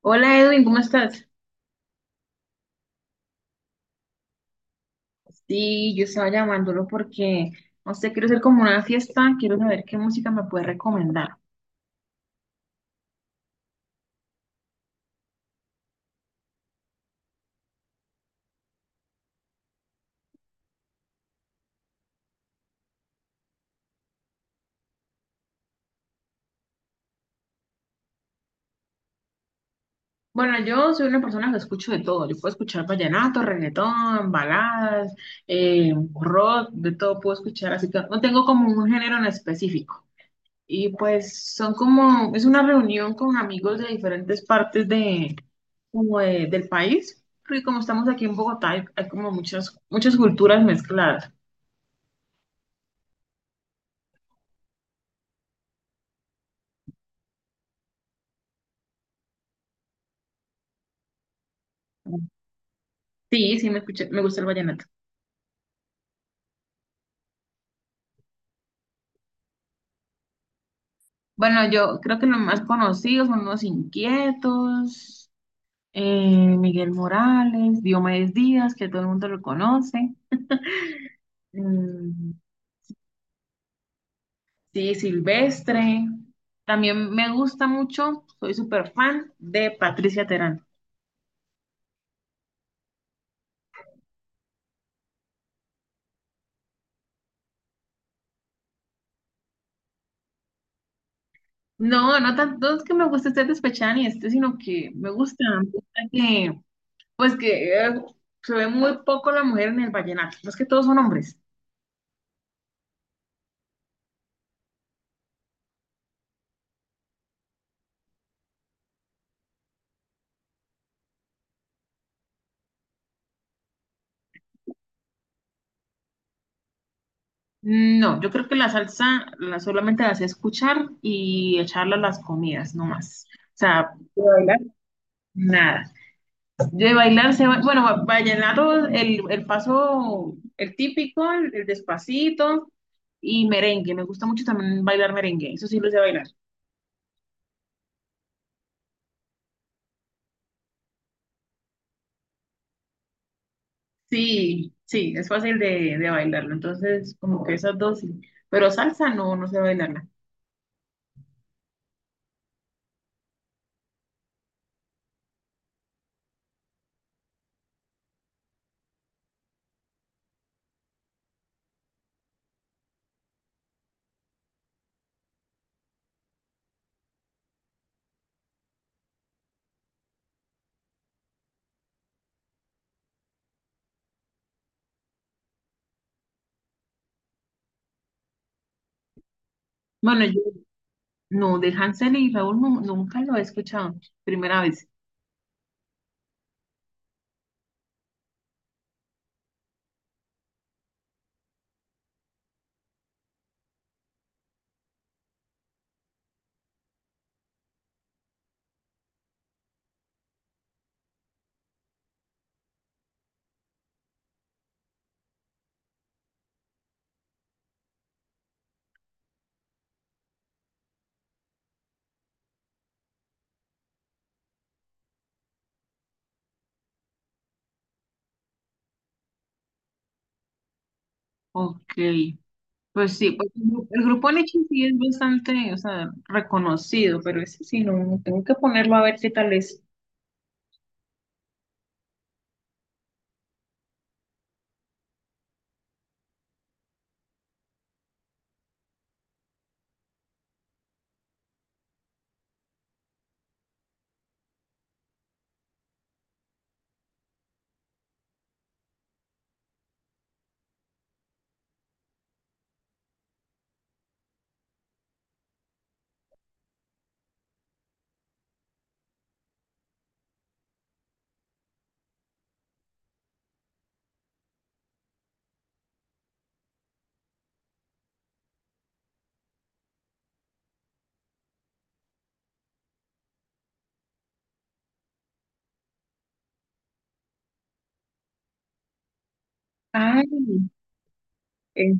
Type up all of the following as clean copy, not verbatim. Hola Edwin, ¿cómo estás? Sí, yo estaba llamándolo porque, no sé, quiero hacer como una fiesta, quiero saber qué música me puede recomendar. Bueno, yo soy una persona que escucho de todo, yo puedo escuchar vallenato, reggaetón, baladas, eh, rock, de todo puedo escuchar, así que no tengo como un género en específico. Y pues son como, es una reunión con amigos de diferentes partes de, como del país, porque como estamos aquí en Bogotá, hay como muchas culturas mezcladas. Sí, sí, me escuché, me gusta el vallenato. Bueno, yo creo que los más conocidos son Los Inquietos, Miguel Morales, Diomedes Díaz, que todo el mundo lo conoce. mm, sí, Silvestre. También me gusta mucho, soy súper fan de Patricia Terán. No, no tanto es que me guste este despechada ni este, sino que me gusta que, pues que, se ve muy poco la mujer en el vallenato, no es que todos son hombres. No, yo creo que la salsa la solamente la sé escuchar y echarla a las comidas, no más. O sea, de bailar, nada. De bailar, se, va- bueno, va- vallenato, el paso, el típico, el despacito y merengue. Me gusta mucho también bailar merengue, eso sí lo sé bailar. Sí, sí, es fácil de bailarlo. Entonces, como que esas dos sí. Pero salsa no, no sé bailarla. Bueno, yo no, de Hansel y Raúl nunca lo he escuchado. Primera vez. Ok. Pues sí, pues el grupo Leche sí es bastante, o sea, reconocido, pero ese sí no, no, tengo que ponerlo a ver qué tal es. Ay, eh,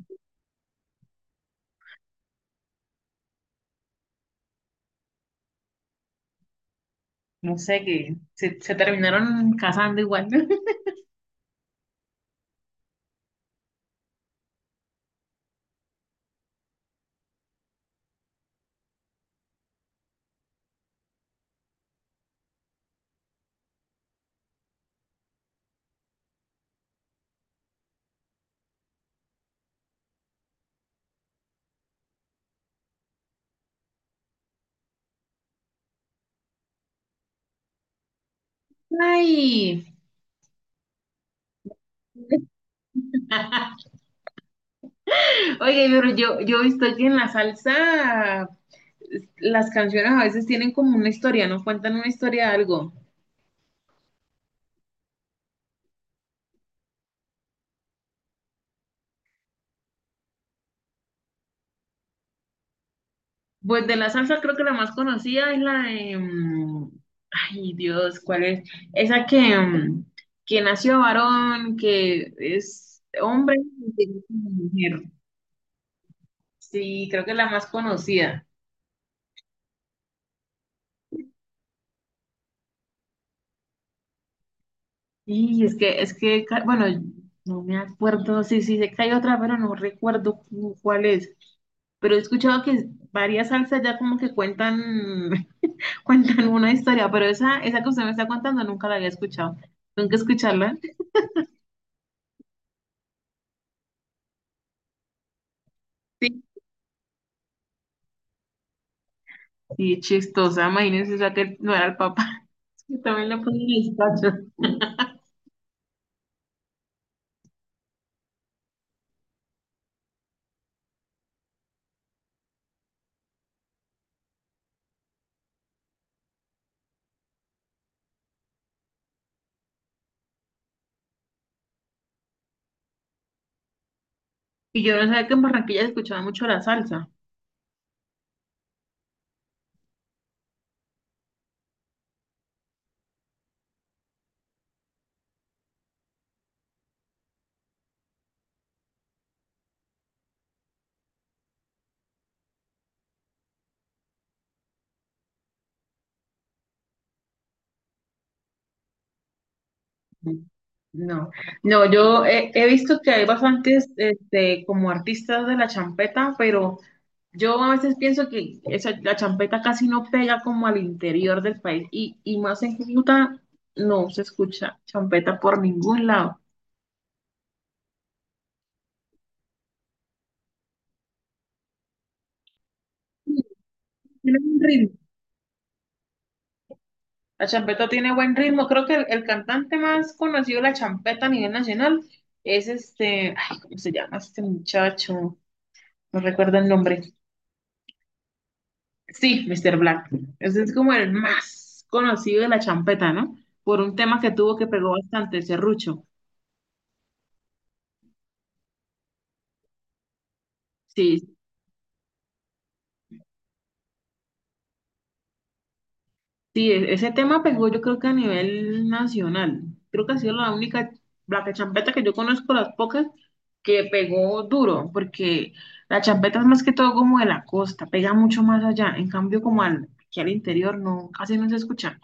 no sé, que se terminaron casando igual. Ay, oye, pero yo he visto que en la salsa las canciones a veces tienen como una historia, no cuentan una historia de algo. Pues de la salsa creo que la más conocida es la de... Ay, Dios, ¿cuál es? Esa que nació varón, que es hombre y que es una mujer. Sí, creo que es la más conocida. Y es que, bueno, no me acuerdo, sí, sí, sé que hay otra, pero no recuerdo cuál es. Pero he escuchado que varias salsas ya como que cuentan, cuentan una historia, pero esa que usted me está contando nunca la había escuchado. Nunca escucharla. Sí, chistosa, imagínense, o sea, que no era el papá, que también le ponen el tacho. Y yo no sabía que en Barranquilla se escuchaba mucho la salsa. No, no, yo he, he visto que hay bastantes este, como artistas de la champeta, pero yo a veces pienso que esa, la champeta casi no pega como al interior del país y más en Cúcuta no se escucha champeta por ningún lado. Tiene un ritmo. La champeta tiene buen ritmo. Creo que el cantante más conocido de la champeta a nivel nacional es este, ay, ¿cómo se llama este muchacho? No recuerdo el nombre. Sí, Mr. Black. Ese es como el más conocido de la champeta, ¿no? Por un tema que tuvo que pegó bastante, Serrucho. Sí, ese tema pegó yo creo que a nivel nacional. Creo que ha sido la única, la que champeta que yo conozco, las pocas, que pegó duro, porque la champeta es más que todo como de la costa, pega mucho más allá. En cambio, como al, aquí al interior, no, casi no se escucha.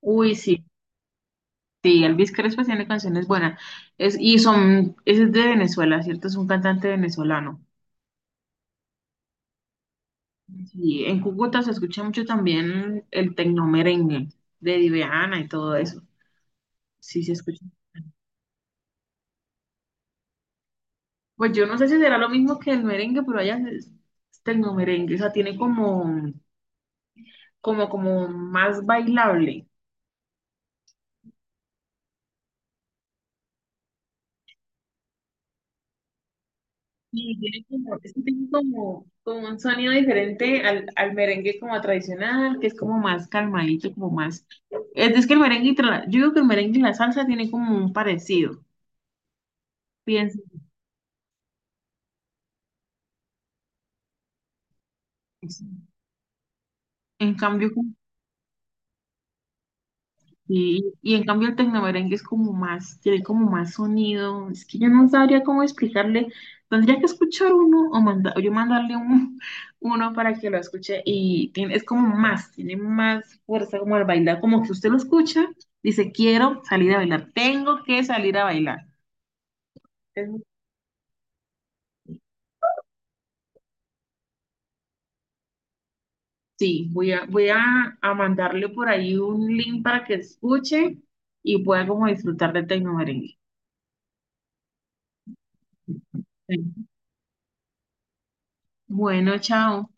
Uy, sí, sí, Elvis Crespo tiene canciones buenas. Es, y son, ese es de Venezuela, ¿cierto? Es un cantante venezolano. Sí, en Cúcuta se escucha mucho también el tecno merengue de Diveana y todo eso. Sí, se escucha. Pues yo no sé si será lo mismo que el merengue, pero allá es tecnomerengue, o sea, tiene como, como, como más bailable. Y tiene como, es que tiene como, como un sonido diferente al, al merengue como tradicional, que es como más calmadito, como más... es que el merengue, y yo digo que el merengue y la salsa tienen como un parecido, pienso. En cambio, sí, y en cambio el tecnomerengue es como más, tiene como más sonido. Es que yo no sabría cómo explicarle. Tendría que escuchar uno o o yo mandarle uno para que lo escuche. Y tiene, es como más, tiene más fuerza como al bailar. Como que usted lo escucha, dice, quiero salir a bailar, tengo que salir a bailar. Entonces, sí, voy a, voy a mandarle por ahí un link para que escuche y pueda como disfrutar del tecnomerengue. Sí. Bueno, chao.